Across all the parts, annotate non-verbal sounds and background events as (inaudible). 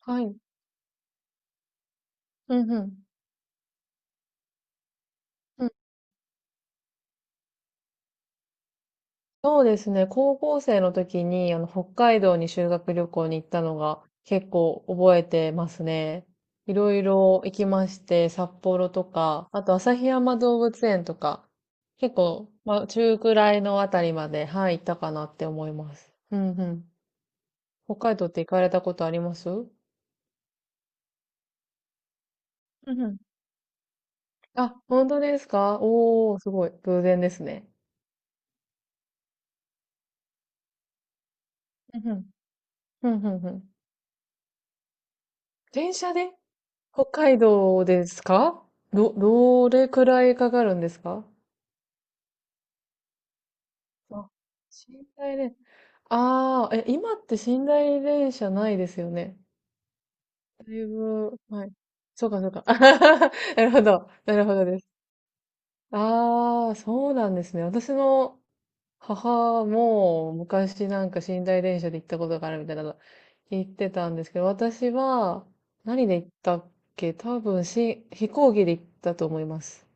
はい。うんうん。うん、そうですね。高校生の時に、北海道に修学旅行に行ったのが結構覚えてますね。いろいろ行きまして、札幌とか、あと旭山動物園とか、結構、まあ、中くらいのあたりまで、はい、行ったかなって思います。うんうん。北海道って行かれたことあります？うんうん。あ、本当ですか？おー、すごい。偶然ですね。うんうん。うんうんうん。電車で北海道ですか？どれくらいかかるんですか？あ、寝台電、ああ、今って寝台電車ないですよね。だいぶ、はい。そうか、そうか。(laughs) なるほど。なるほどです。ああ、そうなんですね。私の母も昔なんか寝台電車で行ったことがあるみたいなの言ってたんですけど、私は何で行ったっけ？多分飛行機で行ったと思います。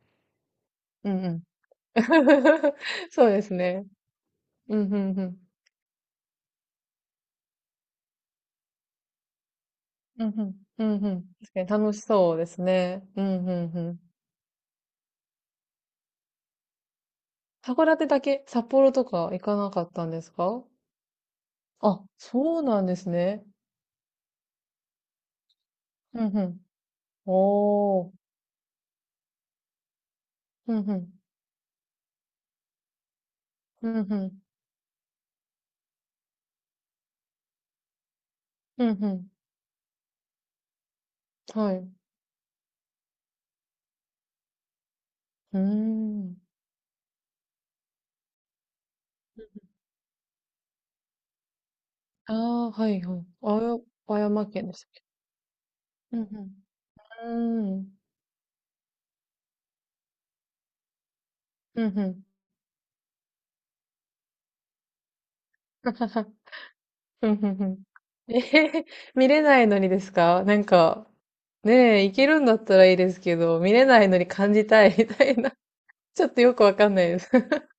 うん。 (laughs) そうですね。うん、うん、うん。うん、うん、うん、うん。確かに楽しそうですね。うん、うん、うん。函館だけ、札幌とか行かなかったんですか？あ、そうなんですね。うん、うん。おー。うん、うん。うん、うん。うん、うん。はい。うーん。ああはい、はい。あや、和山県でしたっけ？うん、うん。うーん。うん、うん。(laughs) ふんふんふん。えへへ、見れないのにですか？なんか、ねえ、行けるんだったらいいですけど、見れないのに感じたいみたいな。(laughs) ちょっとよくわかんないです。(laughs)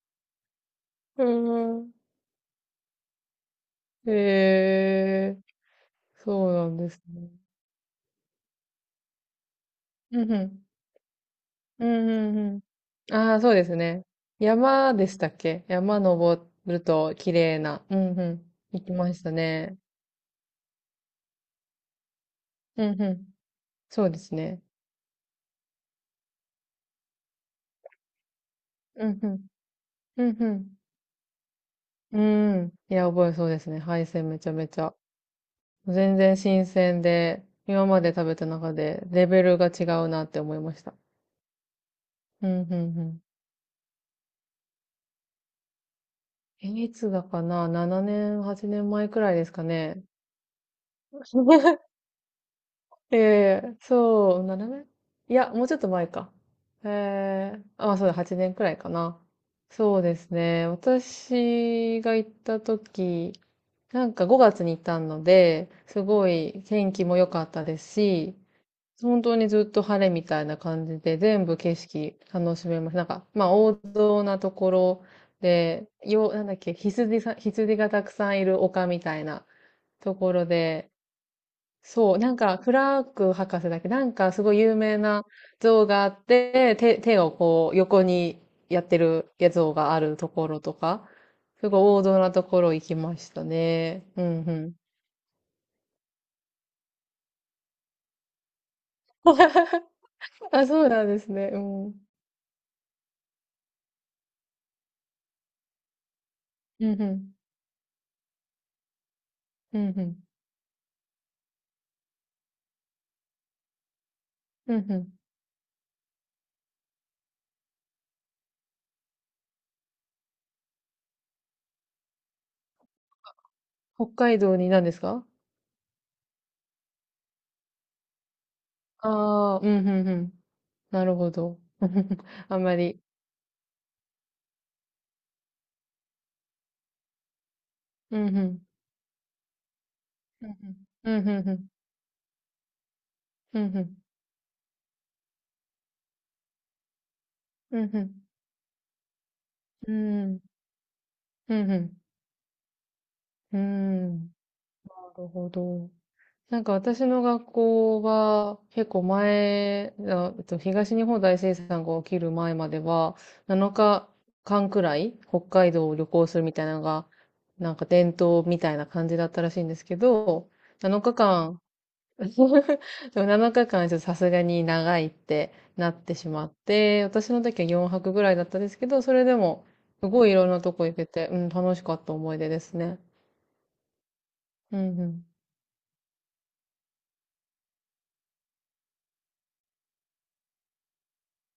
うーん。へえ、そうなんですね。うんうん。うんうんうん。ああ、そうですね。山でしたっけ、山登ると綺麗な。うんうん。行きましたね。うんうん。そうですね。うんうん。うんうん。うん。いや、覚えそうですね。配線めちゃめちゃ。全然新鮮で、今まで食べた中でレベルが違うなって思いました。うん、うん、うん。いつだかな？ 7 年、8年前くらいですかね。(laughs) ええそう、7年、いや、もうちょっと前か。ええあ、そうだ、8年くらいかな。そうですね。私が行った時、なんか5月に行ったので、すごい天気も良かったですし、本当にずっと晴れみたいな感じで、全部景色楽しめます。なんか、まあ、王道なところで、なんだっけ、羊さん、羊がたくさんいる丘みたいなところで、そう、なんか、クラーク博士だっけ、なんか、すごい有名な像があって、手をこう、横にやってる像があるところとか、すごい王道なところ行きましたね。うんうん。(laughs) あ、そうなんですね。うん。うんうん。うんうん。うんうん。北海道に何ですか？ああー、うんうんうん。なるほど。(laughs) あんまり。うんうん。うんうん。うんうんうん。うんうん。うんうん。うんうん。うん。なるほど。なんか私の学校は結構前、東日本大震災が起きる前までは7日間くらい北海道を旅行するみたいなのがなんか伝統みたいな感じだったらしいんですけど、7日間、(laughs) でも7日間ちょっとさすがに長いってなってしまって、私の時は4泊ぐらいだったんですけど、それでもすごいいろんなとこ行けて、うん、楽しかった思い出ですね。うんうん。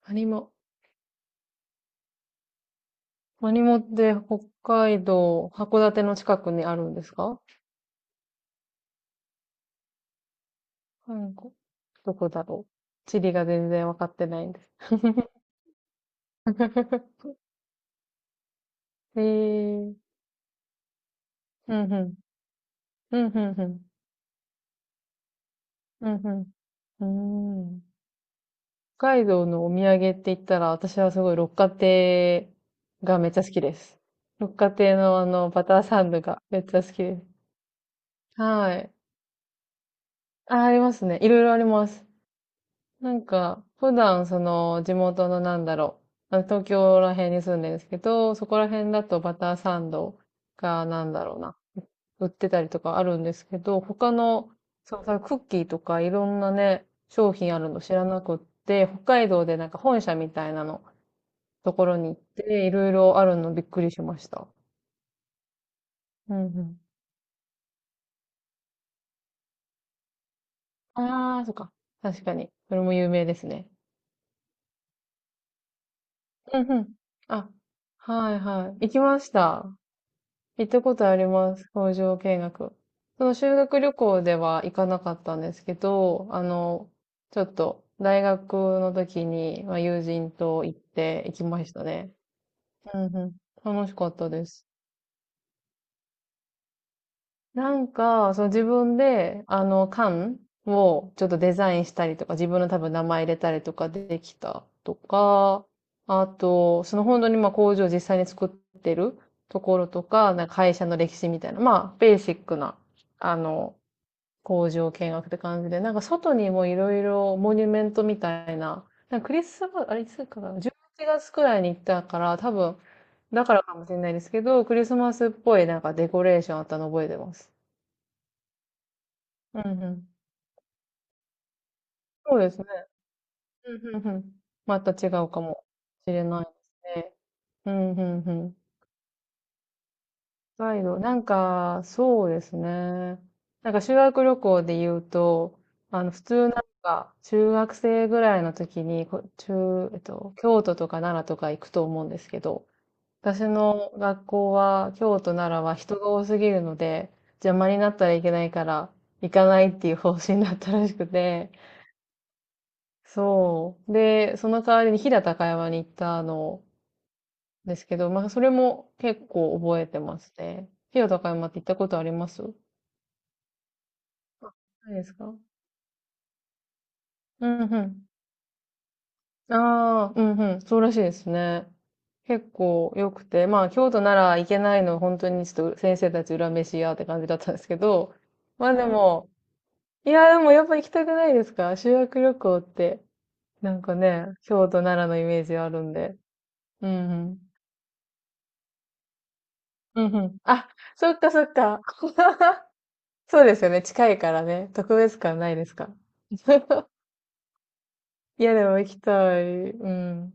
他にも何もって北海道、函館の近くにあるんですか？韓国、どこだろう、地理が全然わかってないんです。(laughs) へえー。うんうん。うんうんうん。うんうん。うーん。北海道のお土産って言ったら、私はすごい六花亭がめっちゃ好きです。六花亭のバターサンドがめっちゃ好きです。はい。あ、ありますね。いろいろあります。なんか、普段その地元のなんだろう、東京ら辺に住んでるんですけど、そこら辺だとバターサンドがなんだろうな、売ってたりとかあるんですけど、他の、そう、そのクッキーとかいろんなね、商品あるの知らなくって、北海道でなんか本社みたいなのところに行って、いろいろあるのびっくりしました。うんうん。ああ、そっか。確かに。それも有名ですね。うんうん。あ、はいはい。行きました。行ったことあります。工場見学。その修学旅行では行かなかったんですけど、ちょっと大学の時に、まあ、友人と行って行きましたね。うんうん。楽しかったです。なんか、その自分で、缶をちょっとデザインしたりとか、自分の多分名前入れたりとかできたとか、あと、その本当にまあ工場を実際に作ってるところとか、なんか会社の歴史みたいな、まあ、ベーシックな、あの、工場見学って感じで、なんか外にもいろいろモニュメントみたいな、なんかクリスマス、あれいつかな、11月くらいに行ったから、多分、だからかもしれないですけど、クリスマスっぽいなんかデコレーションあったの覚えてます。うんうん。そうですね。うんうんうん。また違うかもしれないですね。うんうんうん。北海道、なんか、そうですね。なんか修学旅行で言うと、普通なんか、中学生ぐらいの時に、こ中、えっと、京都とか奈良とか行くと思うんですけど、私の学校は、京都、奈良は人が多すぎるので、邪魔になったらいけないから、行かないっていう方針だったらしくて、そう。で、その代わりに飛騨高山に行ったのですけど、まあ、それも結構覚えてますね。飛騨高山って行ったことありますないですか？うんうん。ああ、うんうん。そうらしいですね。結構良くて、まあ、京都なら行けないの、本当にちょっと先生たち裏飯やって感じだったんですけど、まあでも、いや、でもやっぱ行きたくないですか、修学旅行って、なんかね、京都、奈良のイメージあるんで。うんうん。うんうん。あ、そっかそっか。(laughs) そうですよね。近いからね。特別感ないですか。いや、でも行きたい。うん。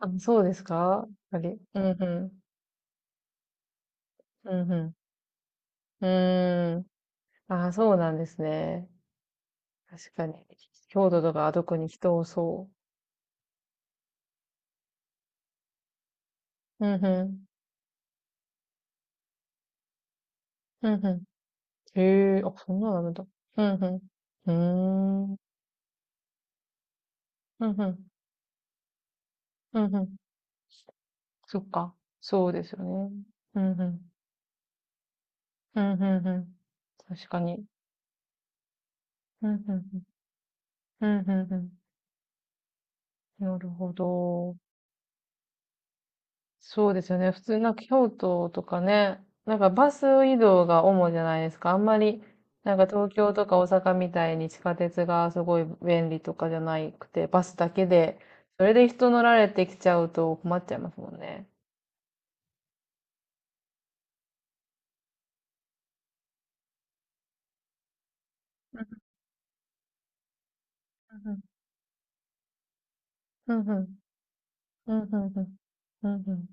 あ、そうですか、やっぱり。うんうん。うんうん。うーん。あ、そうなんですね。確かに。京都とかは特に人多そう。うんうん。うんうん。へえ、あ、そんなのあるんだ。うんうん。うーん。うんうん。うんうん。そっか。そうですよね。うんうん。うんうんうん。確かに。うんうんうん。うんうんうん。なるほど。そうですよね。普通なんか京都とかね、なんかバス移動が主じゃないですか。あんまり、なんか東京とか大阪みたいに地下鉄がすごい便利とかじゃなくて、バスだけで、それで人乗られてきちゃうと困っちゃいますもんね。うんうんうん。ふんふん。うんうんうん。うんうんんん